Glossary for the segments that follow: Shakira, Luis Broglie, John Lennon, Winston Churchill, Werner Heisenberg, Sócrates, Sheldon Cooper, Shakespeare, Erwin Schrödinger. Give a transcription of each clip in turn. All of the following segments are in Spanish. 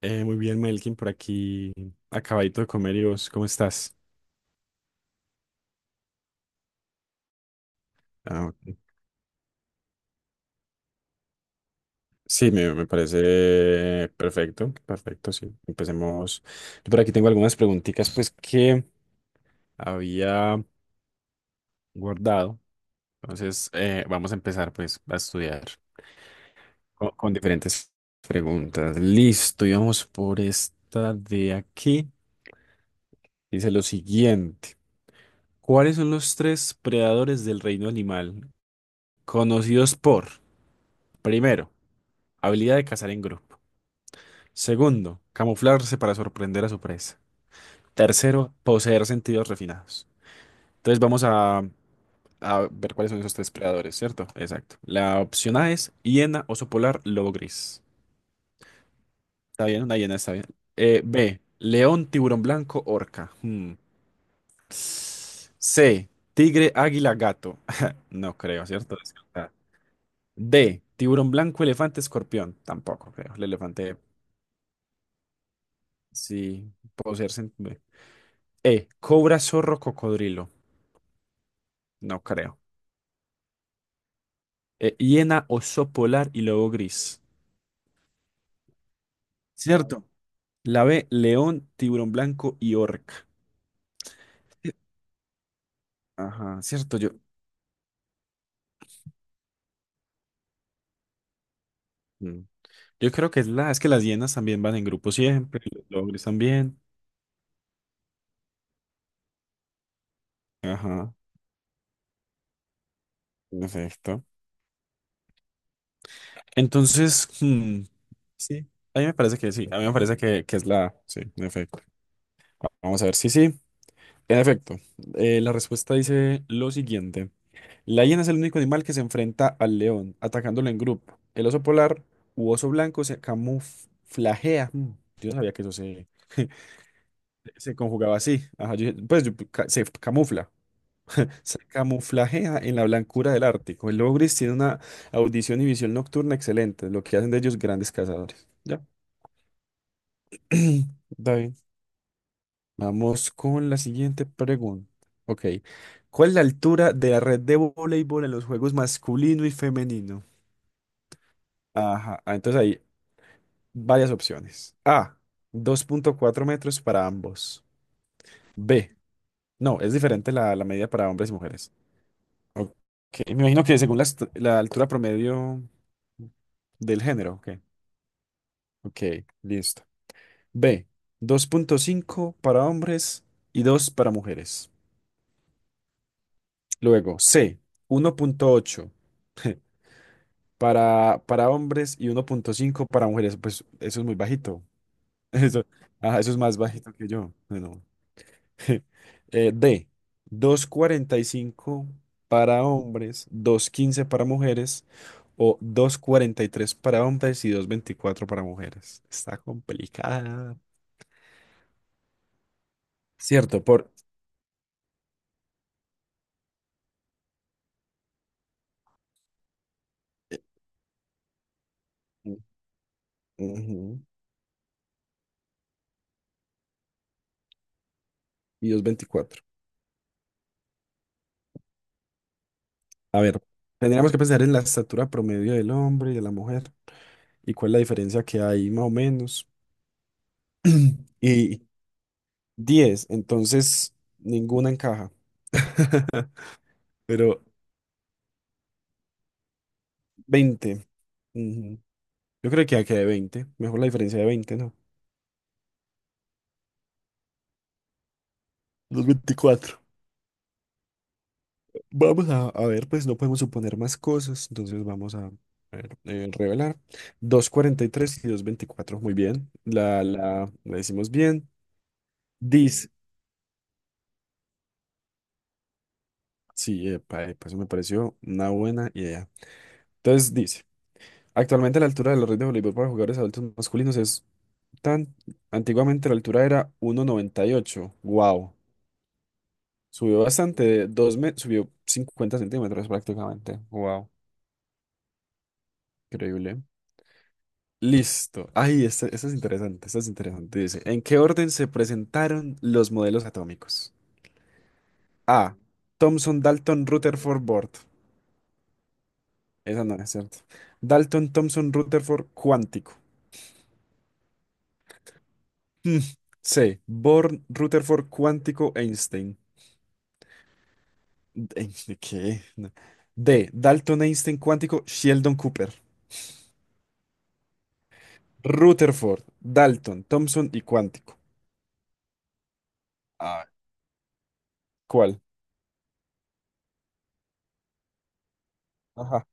Muy bien, Melkin, por aquí acabadito de comer. Y vos, ¿cómo estás? Ah, ok. Sí, me parece perfecto, perfecto, sí. Empecemos. Yo por aquí tengo algunas preguntitas, pues, que había guardado. Entonces, vamos a empezar, pues, a estudiar con diferentes preguntas. Listo, y vamos por esta de aquí. Dice lo siguiente. ¿Cuáles son los tres predadores del reino animal conocidos por, primero, habilidad de cazar en grupo; segundo, camuflarse para sorprender a su presa; tercero, poseer sentidos refinados? Entonces vamos a ver cuáles son esos tres predadores, ¿cierto? Exacto. La opción A es hiena, oso polar, lobo gris. Está bien, una hiena está bien. B, león, tiburón blanco, orca. Hmm. C, tigre, águila, gato. No creo, ¿cierto? Descartada. D, tiburón blanco, elefante, escorpión. Tampoco creo. El elefante, sí, poseer sentidos. E. Cobra, zorro, cocodrilo. No creo. E. Hiena, oso polar y lobo gris. ¿Cierto? La B. León, tiburón blanco y orca. Eh, Ajá, cierto, yo. mm. Yo creo que es la. Es que las hienas también van en grupo siempre. Los lobos gris también. Ajá, perfecto. Entonces, sí. A mí me parece que sí. A mí me parece que es la. A. Sí, en efecto. Vamos a ver. Sí, sí. En efecto. La respuesta dice lo siguiente. La hiena es el único animal que se enfrenta al león, atacándolo en grupo. El oso polar u oso blanco se camuflajea. Yo no sabía que eso se, se conjugaba así. Ajá, pues se camufla. Se camuflajea en la blancura del Ártico. El lobo gris tiene una audición y visión nocturna excelente, lo que hacen de ellos grandes cazadores. Ya, está bien. Vamos con la siguiente pregunta. Ok. ¿Cuál es la altura de la red de voleibol en los juegos masculino y femenino? Ajá, entonces ahí, varias opciones. A, 2.4 metros para ambos. B, no, es diferente la medida para hombres y mujeres. Ok, me imagino que según la altura promedio del género. Ok, ok, listo. B, 2.5 para hombres y 2 para mujeres. Luego, C, 1.8 para hombres y 1.5 para mujeres. Pues eso es muy bajito. Eso, ajá, eso es más bajito que yo. Bueno. D, 2.45 para hombres, 2.15 para mujeres o 2.43 para hombres y 2.24 para mujeres. Está complicada. Cierto, por... eh, ujú. Y 2.24. A ver, tendríamos que pensar en la estatura promedio del hombre y de la mujer y cuál es la diferencia que hay más o menos. Y diez, entonces ninguna encaja. Pero 20. Yo creo que aquí de veinte. Mejor la diferencia de veinte, ¿no? Los 24. Vamos a ver, pues no podemos suponer más cosas. Entonces vamos a ver, revelar. 2.43 y tres y 224. Muy bien. La decimos bien. Dice. Sí, epa, epa, eso me pareció una buena idea. Entonces dice. Actualmente la altura de la red de voleibol para jugadores adultos masculinos es tan... Antiguamente la altura era 1.98. Wow. Subió bastante. De dos me... Subió 50 centímetros prácticamente. Wow. Increíble. Listo. Ay, esta es interesante, esta es interesante. Dice, ¿en qué orden se presentaron los modelos atómicos? A. Thomson, Dalton, Rutherford, Bohr. Esa no es, cierto. Dalton, Thomson, Rutherford, cuántico. Mm. C. Bohr, Rutherford, cuántico, Einstein. Einstein, ¿qué? No. D. Dalton, Einstein, cuántico, Sheldon Cooper. Rutherford, Dalton, Thomson y cuántico. Ah, ¿cuál? Ajá.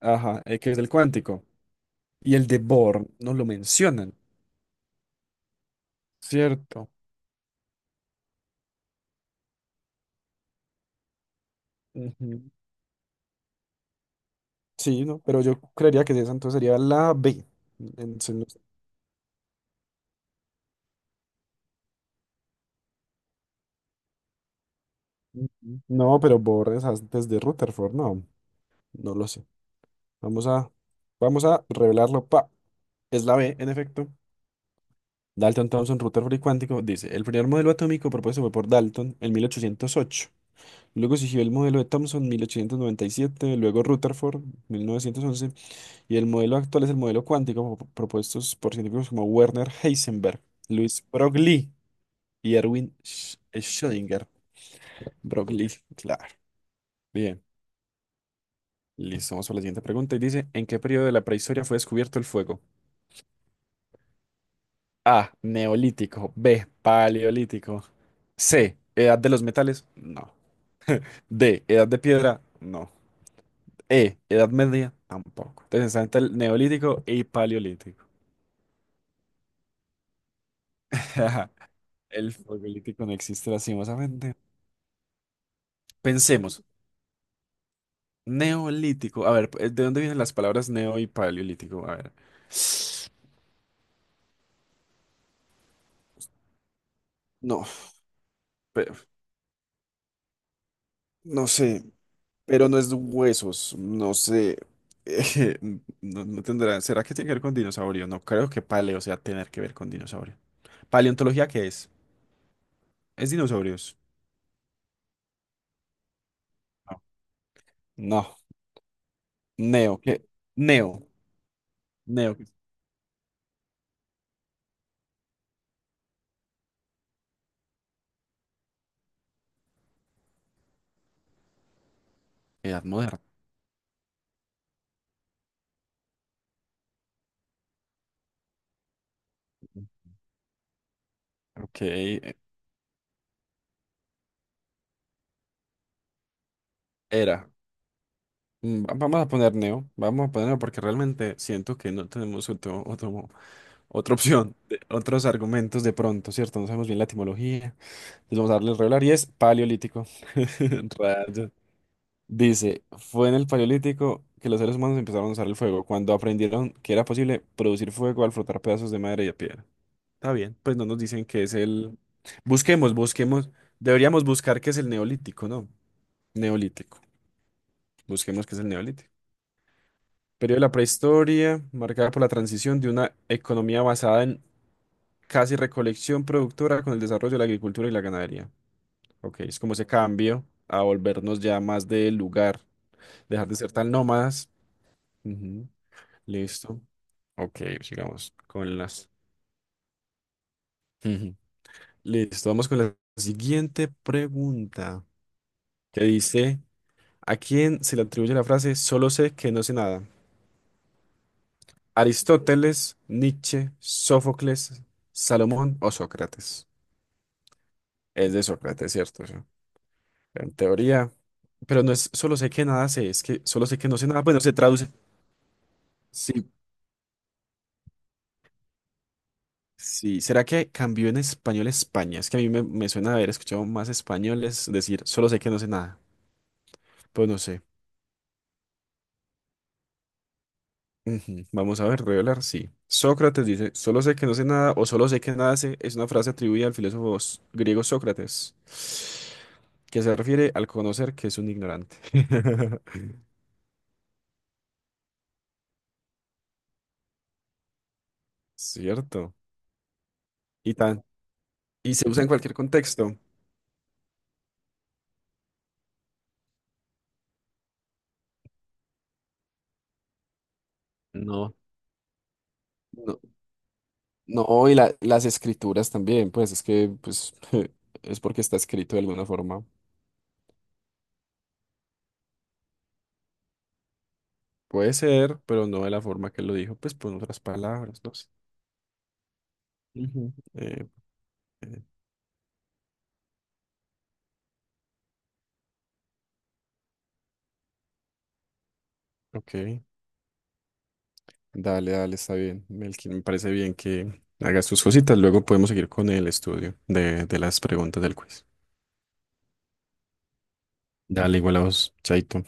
Ajá, ¿qué es el cuántico? Y el de Born no lo mencionan. Cierto. Ujú. Sí, no, pero yo creería que esa entonces sería la B. Entonces, no sé. Ujú. No, pero Born es antes de Rutherford, no, no lo sé. Vamos a, vamos a revelarlo. Pa, es la B, en efecto. Dalton, Thomson, Rutherford y cuántico, dice, el primer modelo atómico propuesto fue por Dalton en 1808. Luego siguió el modelo de Thomson en 1897. Luego Rutherford 1911. Y el modelo actual es el modelo cuántico propuestos por científicos como Werner Heisenberg, Luis Broglie y Erwin Schrödinger. Broglie, claro. Bien, listo. Vamos a la siguiente pregunta. Y dice, ¿en qué periodo de la prehistoria fue descubierto el fuego? A, neolítico. B, paleolítico. C, edad de los metales. No. D, edad de piedra. No. E, edad media. Tampoco. Entonces está entre el neolítico y paleolítico. El fuegolítico no existe lastimosamente. Pensemos. Neolítico. A ver, ¿de dónde vienen las palabras neo y paleolítico? A ver. No, pero no sé, pero no es de huesos, no sé. eh, no, no tendrá. ¿Será que tiene que ver con dinosaurio? No creo que paleo sea tener que ver con dinosaurio. ¿Paleontología qué es? ¿Es dinosaurios? No. No. Neo, ¿qué? Neo. Neo. Edad moderna. Ok, era. Vamos a poner neo. Vamos a poner neo porque realmente siento que no tenemos otro, otro Otra opción, otros argumentos de pronto, ¿cierto? No sabemos bien la etimología. Entonces vamos a darle regular y es paleolítico. Rayos. Dice, fue en el paleolítico que los seres humanos empezaron a usar el fuego, cuando aprendieron que era posible producir fuego al frotar pedazos de madera y de piedra. Está bien, pues no nos dicen que es el... Busquemos, busquemos. Deberíamos buscar qué es el neolítico, ¿no? Neolítico. Busquemos qué es el neolítico. Periodo de la prehistoria, marcada por la transición de una economía basada en casi recolección productora con el desarrollo de la agricultura y la ganadería. Ok, es como ese cambio a volvernos ya más del lugar, dejar de ser tan nómadas. Ujú. Listo. Ok, sigamos con las. Ujú. Listo, vamos con la siguiente pregunta que dice, ¿a quién se le atribuye la frase solo sé que no sé nada? ¿Aristóteles, Nietzsche, Sófocles, Salomón o Sócrates? Es de Sócrates, ¿cierto? En teoría. Pero no es solo sé que nada sé, es que solo sé que no sé nada. Bueno, se traduce. Sí, sí. ¿Será que cambió en español a España? Es que a mí me suena haber escuchado más españoles decir solo sé que no sé nada. Pues no sé. Ujú. Vamos a ver, revelar, sí. Sócrates dice, solo sé que no sé nada o solo sé que nada sé, es una frase atribuida al filósofo griego Sócrates, que se refiere al conocer que es un ignorante. Cierto. Y tan, y se usa en cualquier contexto. No. No, y las escrituras también, pues es que pues, es porque está escrito de alguna forma. Puede ser, pero no de la forma que lo dijo, pues por otras palabras, no sé. Ujú. Eh, ok, dale, dale, está bien. Melkin, me parece bien que hagas tus cositas. Luego podemos seguir con el estudio de las preguntas del quiz. Dale, igual a vos, Chaito.